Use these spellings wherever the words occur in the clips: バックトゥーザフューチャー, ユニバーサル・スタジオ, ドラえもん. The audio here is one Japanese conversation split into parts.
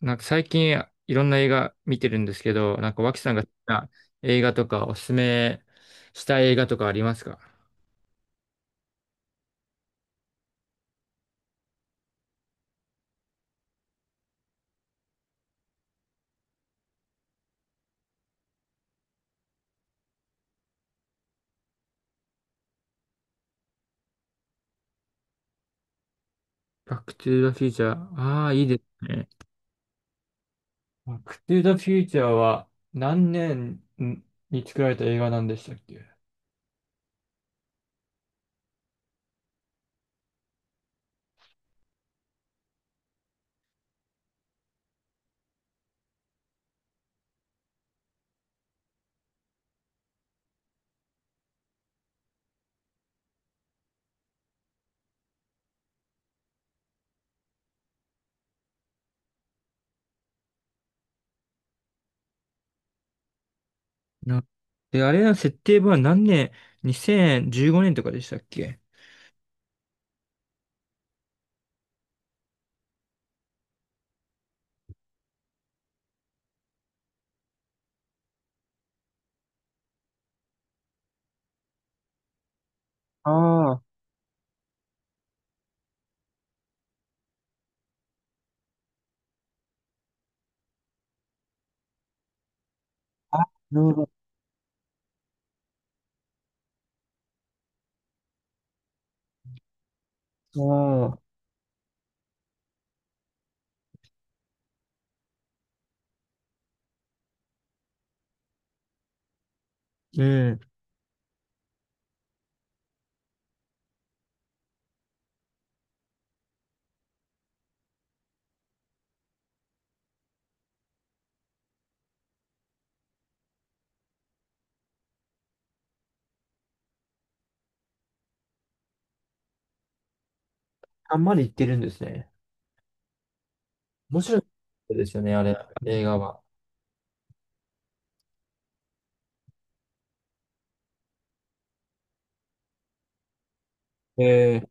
なんか最近いろんな映画見てるんですけど、なんか脇さんが好きな映画とかおすすめしたい映画とかありますか？バックトゥーザフューチャー。ああ、いいですね。バックトゥーザフューチャーは何年に作られた映画なんでしたっけ？なで、あれの設定は何年？ 2015 年とかでしたっけ？ああ、あ、なるほど。うん。あんまり言ってるんですね。面白いですよね、あれ、映画は。ええ、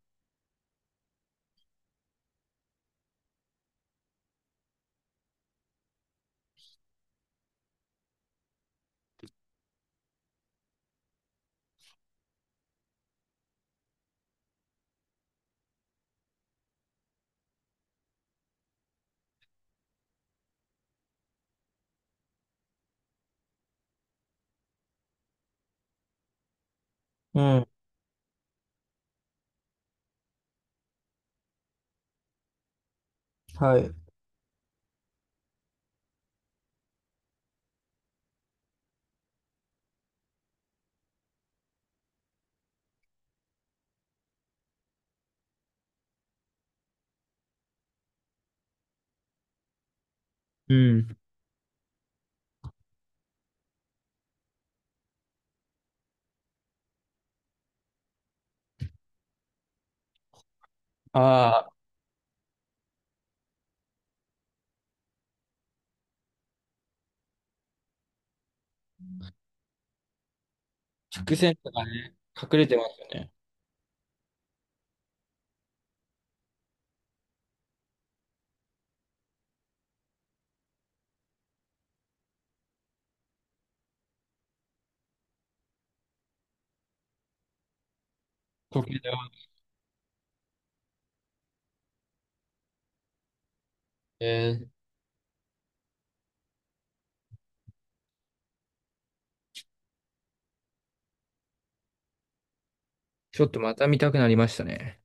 うん。はい。うん。ああ、直線とかね、隠れてますよね。時計台は。えー、ちょっとまた見たくなりましたね。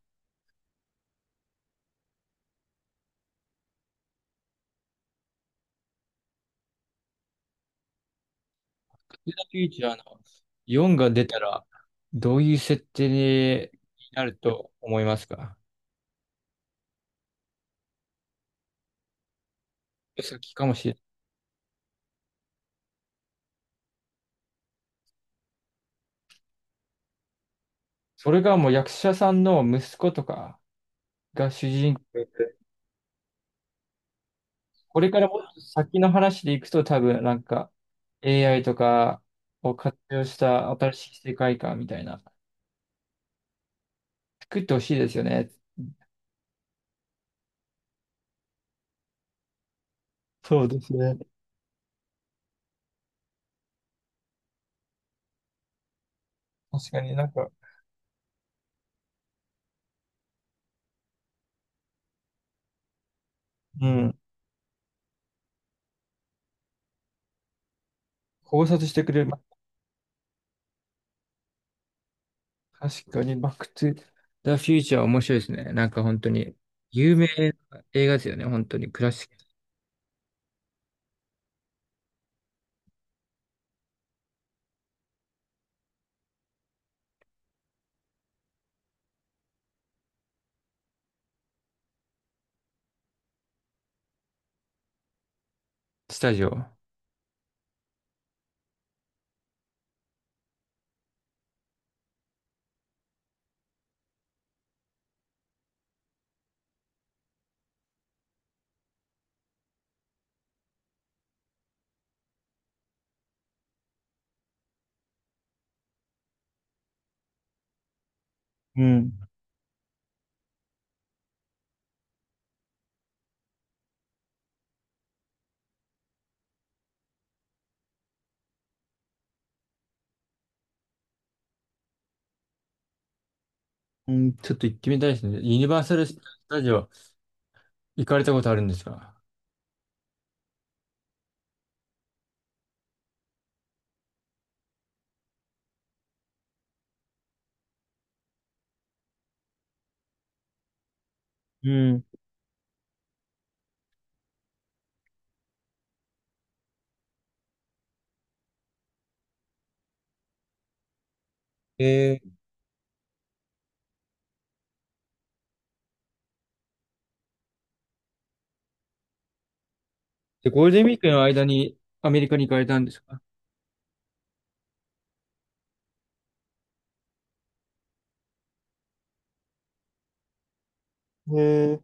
時計台フューチャーの4が出たら、どういう設定になると思いますか？先かもしれない。それがもう役者さんの息子とかが主人公で、これからもっと先の話でいくと多分なんか AI とかを活用した新しい世界観みたいな、作ってほしいですよね。そうですね。確かになんか、うん。考察してくれる。ま、確かに、バックトゥザ・フューチャー面白いですね。なんか本当に、有名な映画ですよね。本当に、クラシックスタジオ。うん。うん、ちょっと行ってみたいですね。ユニバーサル・スタジオ行かれたことあるんですか？うん。えー、で、ゴールデンウィークの間にアメリカに行かれたんですか？えー、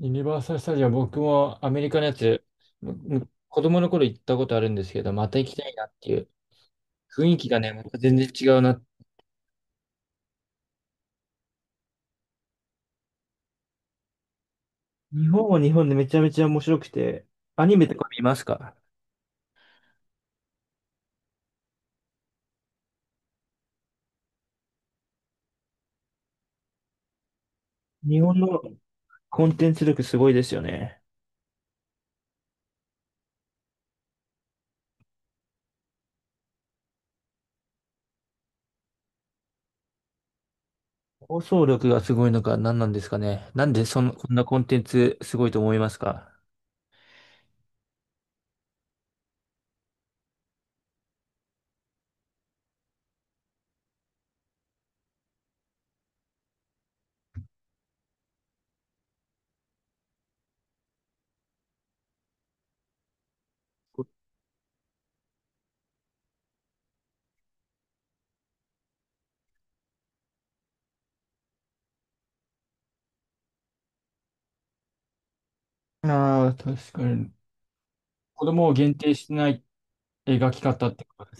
ユニバーサル・スタジオ、僕もアメリカのやつ、子供の頃行ったことあるんですけど、また行きたいなっていう雰囲気がね、また全然違うな。日本は日本でめちゃめちゃ面白くて、アニメとか見ますか？日本のコンテンツ力すごいですよね。放送力がすごいのか何なんですかね。なんでそん、こんなコンテンツすごいと思いますか？ああ、確かに。子供を限定してない描き方ってこと。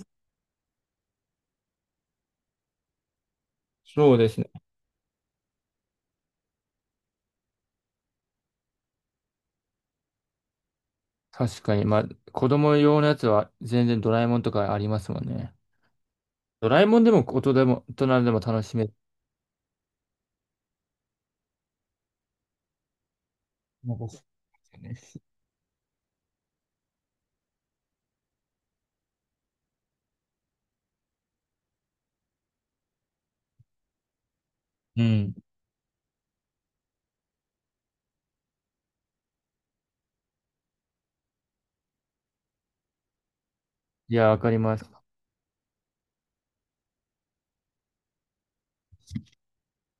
そうですね。確かに。まあ、子供用のやつは全然ドラえもんとかありますもんね。ドラえもんでも大人でも、大人でも楽しめる。なんかう、うん。いや、わかります。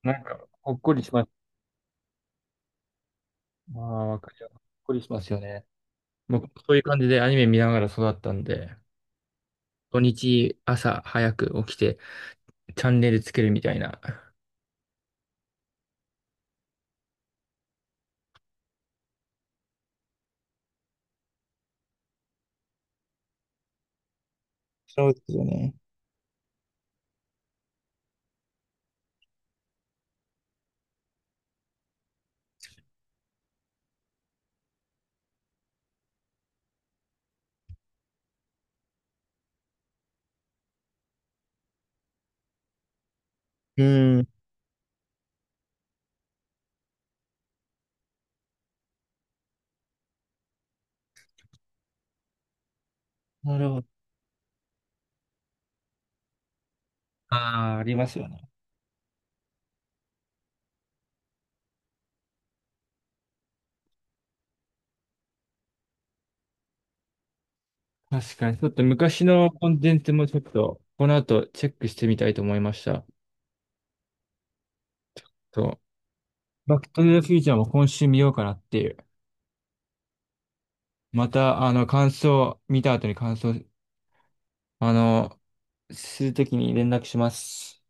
なんか、ほっこりします。ああ、わかりよ。ほっこりしますよね。僕もそういう感じでアニメ見ながら育ったんで、土日朝早く起きてチャンネルつけるみたいな。そうですよね。うん。なるほど。ああ、ありますよね。確かに。ちょっと昔のコンテンツもちょっと、この後チェックしてみたいと思いました。と、バックトゥザフューチャーも今週見ようかなっていう。また、あの、感想、見た後に感想、あの、するときに連絡します。